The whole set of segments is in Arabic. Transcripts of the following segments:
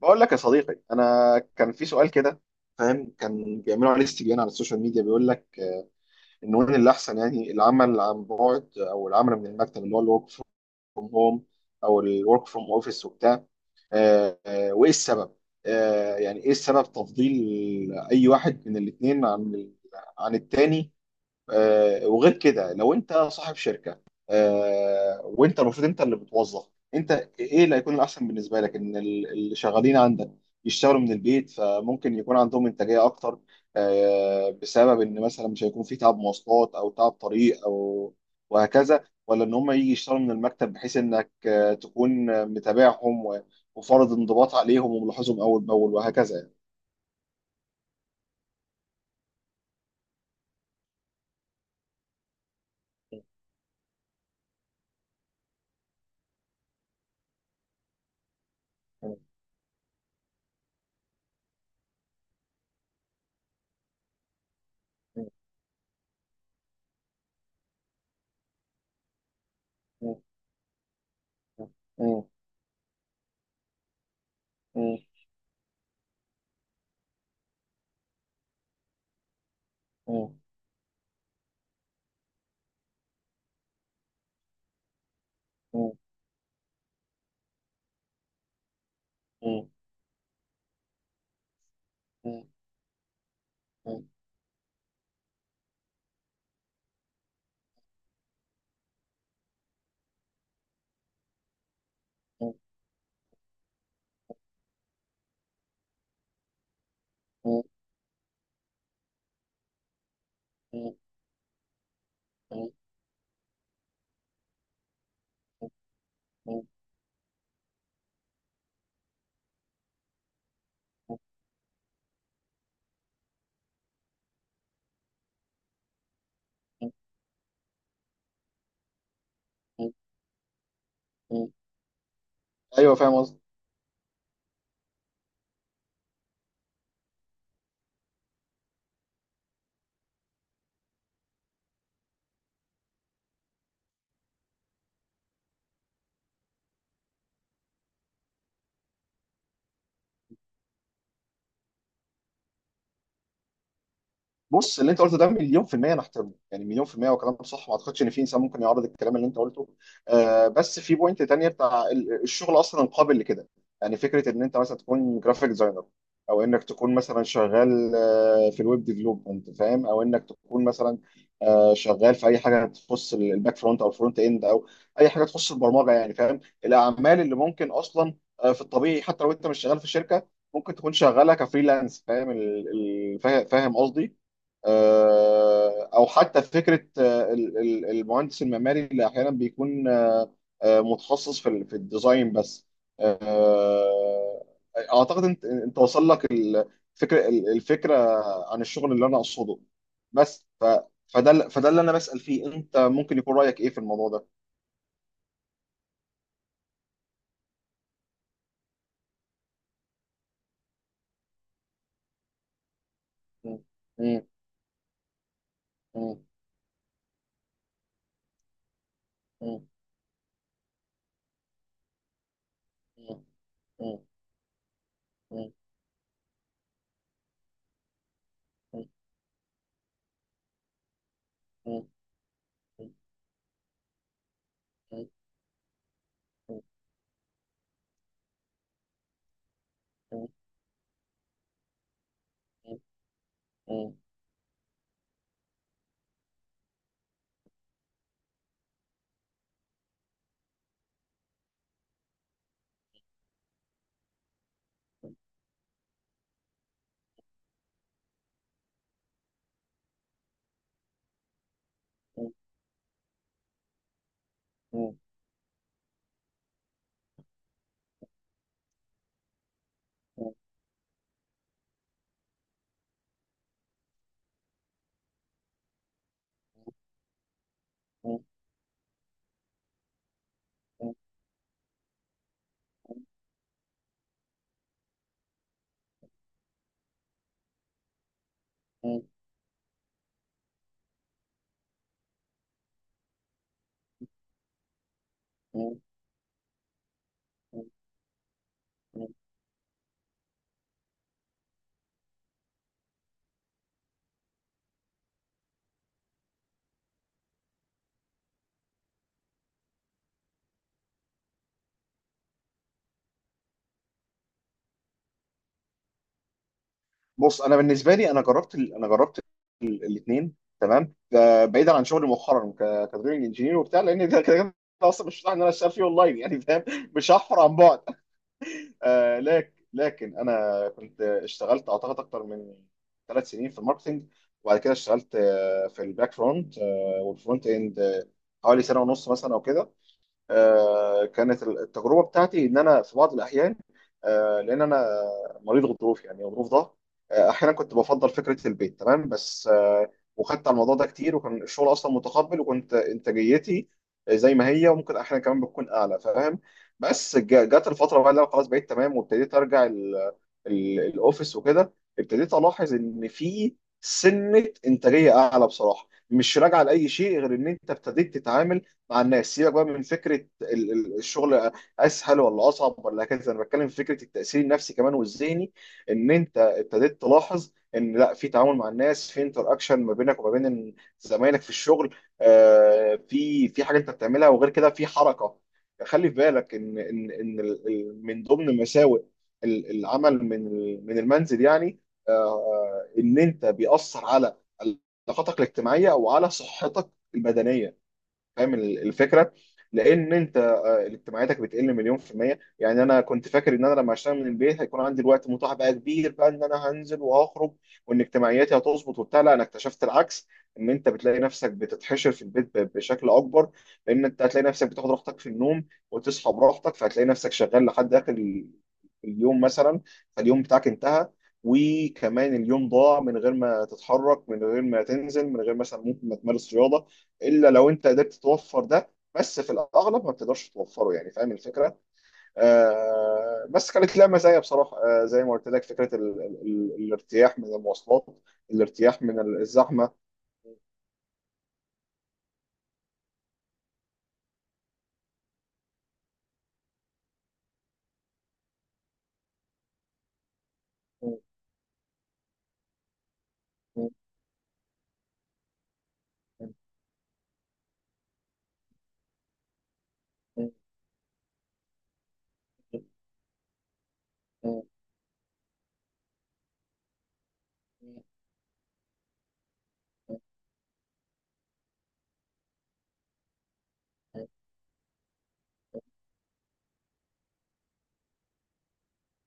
بقول لك يا صديقي، انا كان في سؤال كده. فاهم، كان بيعملوا عليه استبيان على السوشيال ميديا بيقول لك ان وين اللي احسن يعني العمل عن بعد او العمل من المكتب اللي هو الورك فروم هوم او الورك فروم اوفيس وبتاع. وايه السبب؟ يعني ايه السبب تفضيل اي واحد من الاثنين عن التاني؟ وغير كده، لو انت صاحب شركه، وانت المفروض انت اللي بتوظف، انت ايه اللي هيكون الاحسن بالنسبه لك؟ ان اللي شغالين عندك يشتغلوا من البيت، فممكن يكون عندهم انتاجيه اكتر بسبب ان مثلا مش هيكون في تعب مواصلات او تعب طريق او وهكذا، ولا ان هم يجي يشتغلوا من المكتب، بحيث انك تكون متابعهم وفرض انضباط عليهم وملاحظهم اول باول وهكذا. يعني. ايوه، فاهم قصدي. بص، اللي انت قلته ده مليون في المية انا احترمه، يعني مليون في المية وكلام صح. ما اعتقدش ان في انسان ممكن يعارض الكلام اللي انت قلته. بس في بوينت تانية بتاع الشغل اصلا قابل لكده. يعني فكرة ان انت مثلا تكون جرافيك ديزاينر، او انك تكون مثلا شغال في الويب ديفلوبمنت، فاهم، او انك تكون مثلا شغال في اي حاجة تخص الباك فرونت او الفرونت اند او اي حاجة تخص البرمجة، يعني فاهم، الاعمال اللي ممكن اصلا في الطبيعي حتى لو انت مش شغال في شركة ممكن تكون شغالة كفريلانس، فاهم فاهم قصدي. او حتى فكره المهندس المعماري اللي احيانا بيكون متخصص في في الديزاين بس. آه، اعتقد انت وصل لك الفكره عن الشغل اللي انا اقصده. بس. فده فده اللي انا بسأل فيه، انت ممكن يكون رأيك ايه في الموضوع ده؟ م-. م-. م-. م-. م-. م-. م-. م-. م-. م-. م-. م-. م-. م-. م-. م-. م-. م-. م-. م-. مم. مم. بص، انا بالنسبه لي، انا جربت الاثنين تمام، بعيدا عن شغلي مؤخرا كدرينج انجينير وبتاع، لان ده كده كده اصلا مش متاح ان انا اشتغل فيه اونلاين، يعني فاهم، مش هحفر عن بعد. آه، لكن انا كنت اشتغلت اعتقد اكتر من 3 سنين في الماركتنج، وبعد كده اشتغلت في الباك فرونت والفرونت اند حوالي سنه ونص مثلا او كده. كانت التجربه بتاعتي ان انا في بعض الاحيان، لان انا مريض غضروف، يعني غضروف ضغط، احيانا كنت بفضل فكره البيت تمام، بس وخدت على الموضوع ده كتير، وكان الشغل اصلا متقبل، وكنت انتاجيتي زي ما هي، وممكن احيانا كمان بتكون اعلى، فاهم. بس جت الفتره بقى، اللي انا خلاص بقيت تمام وابتديت ارجع الاوفيس وكده. ابتديت الاحظ ان في سنه انتاجيه اعلى، بصراحه، مش راجعه لاي شيء غير ان انت ابتديت تتعامل مع الناس. سيبك بقى من فكره الشغل اسهل ولا اصعب ولا كذا، انا بتكلم في فكره التاثير النفسي كمان والذهني، ان انت ابتديت تلاحظ ان لا، في تعامل مع الناس، في انتر اكشن ما بينك وما بين زمايلك في الشغل، في حاجه انت بتعملها، وغير كده في حركه. خلي في بالك ان من ضمن مساوئ العمل من المنزل يعني، ان انت بيأثر على علاقاتك الاجتماعيه وعلى صحتك البدنيه. فاهم الفكره؟ لان انت اجتماعاتك بتقل مليون في الميه. يعني انا كنت فاكر ان انا لما اشتغل من البيت هيكون عندي الوقت متاح بقى كبير، بقى ان انا هنزل وهخرج، وان اجتماعياتي هتظبط وبتاع. لا، انا اكتشفت العكس، ان انت بتلاقي نفسك بتتحشر في البيت بشكل اكبر، لان انت هتلاقي نفسك بتاخد راحتك في النوم وتصحى براحتك، فهتلاقي نفسك شغال لحد اخر اليوم مثلا. فاليوم بتاعك انتهى، وكمان اليوم ضاع، من غير ما تتحرك، من غير ما تنزل، من غير مثلا ممكن ما تمارس رياضه، الا لو انت قدرت توفر ده، بس في الاغلب ما بتقدرش توفره، يعني فاهم الفكره. بس كانت لها مزايا بصراحه، زي ما قلت لك فكره ال ال ال الارتياح من المواصلات، الارتياح من الزحمه.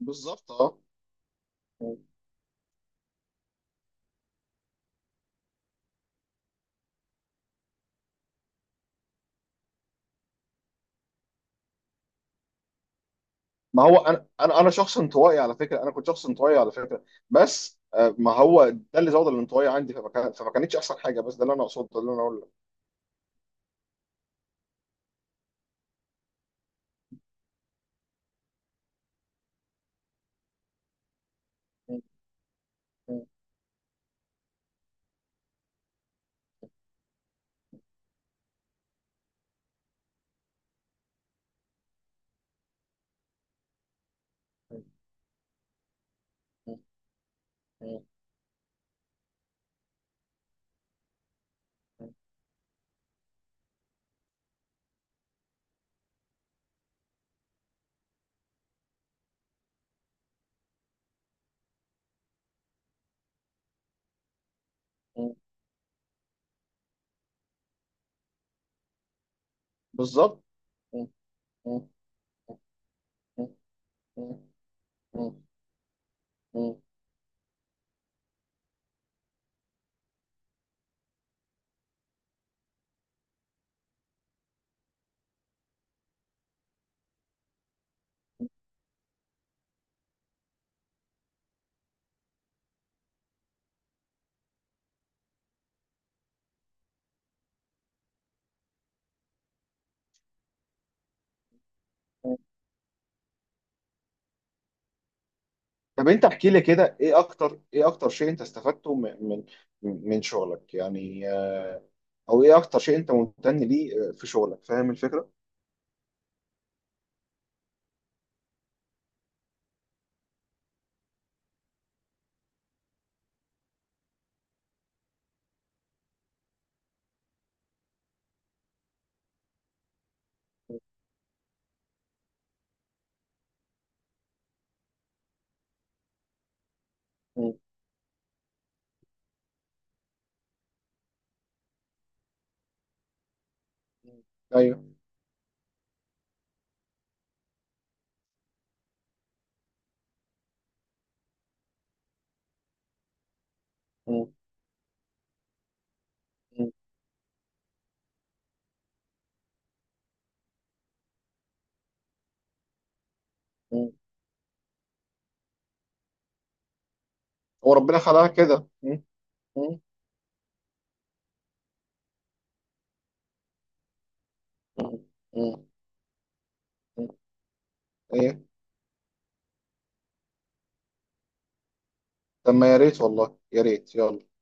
بالظبط، اه. ما هو انا، انا شخص انطوائي على فكره، انا كنت شخص انطوائي على فكره، بس ما هو ده اللي زود الانطوائيه عندي، فما كانتش احسن حاجه، بس ده اللي انا اقصده، ده اللي انا اقوله. بالظبط. م-. م-. م-. م-. م-. م. م. طب، انت احكي لي كده، ايه اكتر شيء انت استفدته من من شغلك، يعني او ايه اكتر شيء انت ممتن ليه في شغلك؟ فاهم الفكرة؟ مم. ايوه. مم. مم. مم. وربنا خلقها كده. مم. مم. مم. مم. ايه، طب ما يا ريت، والله يا ريت، يلا.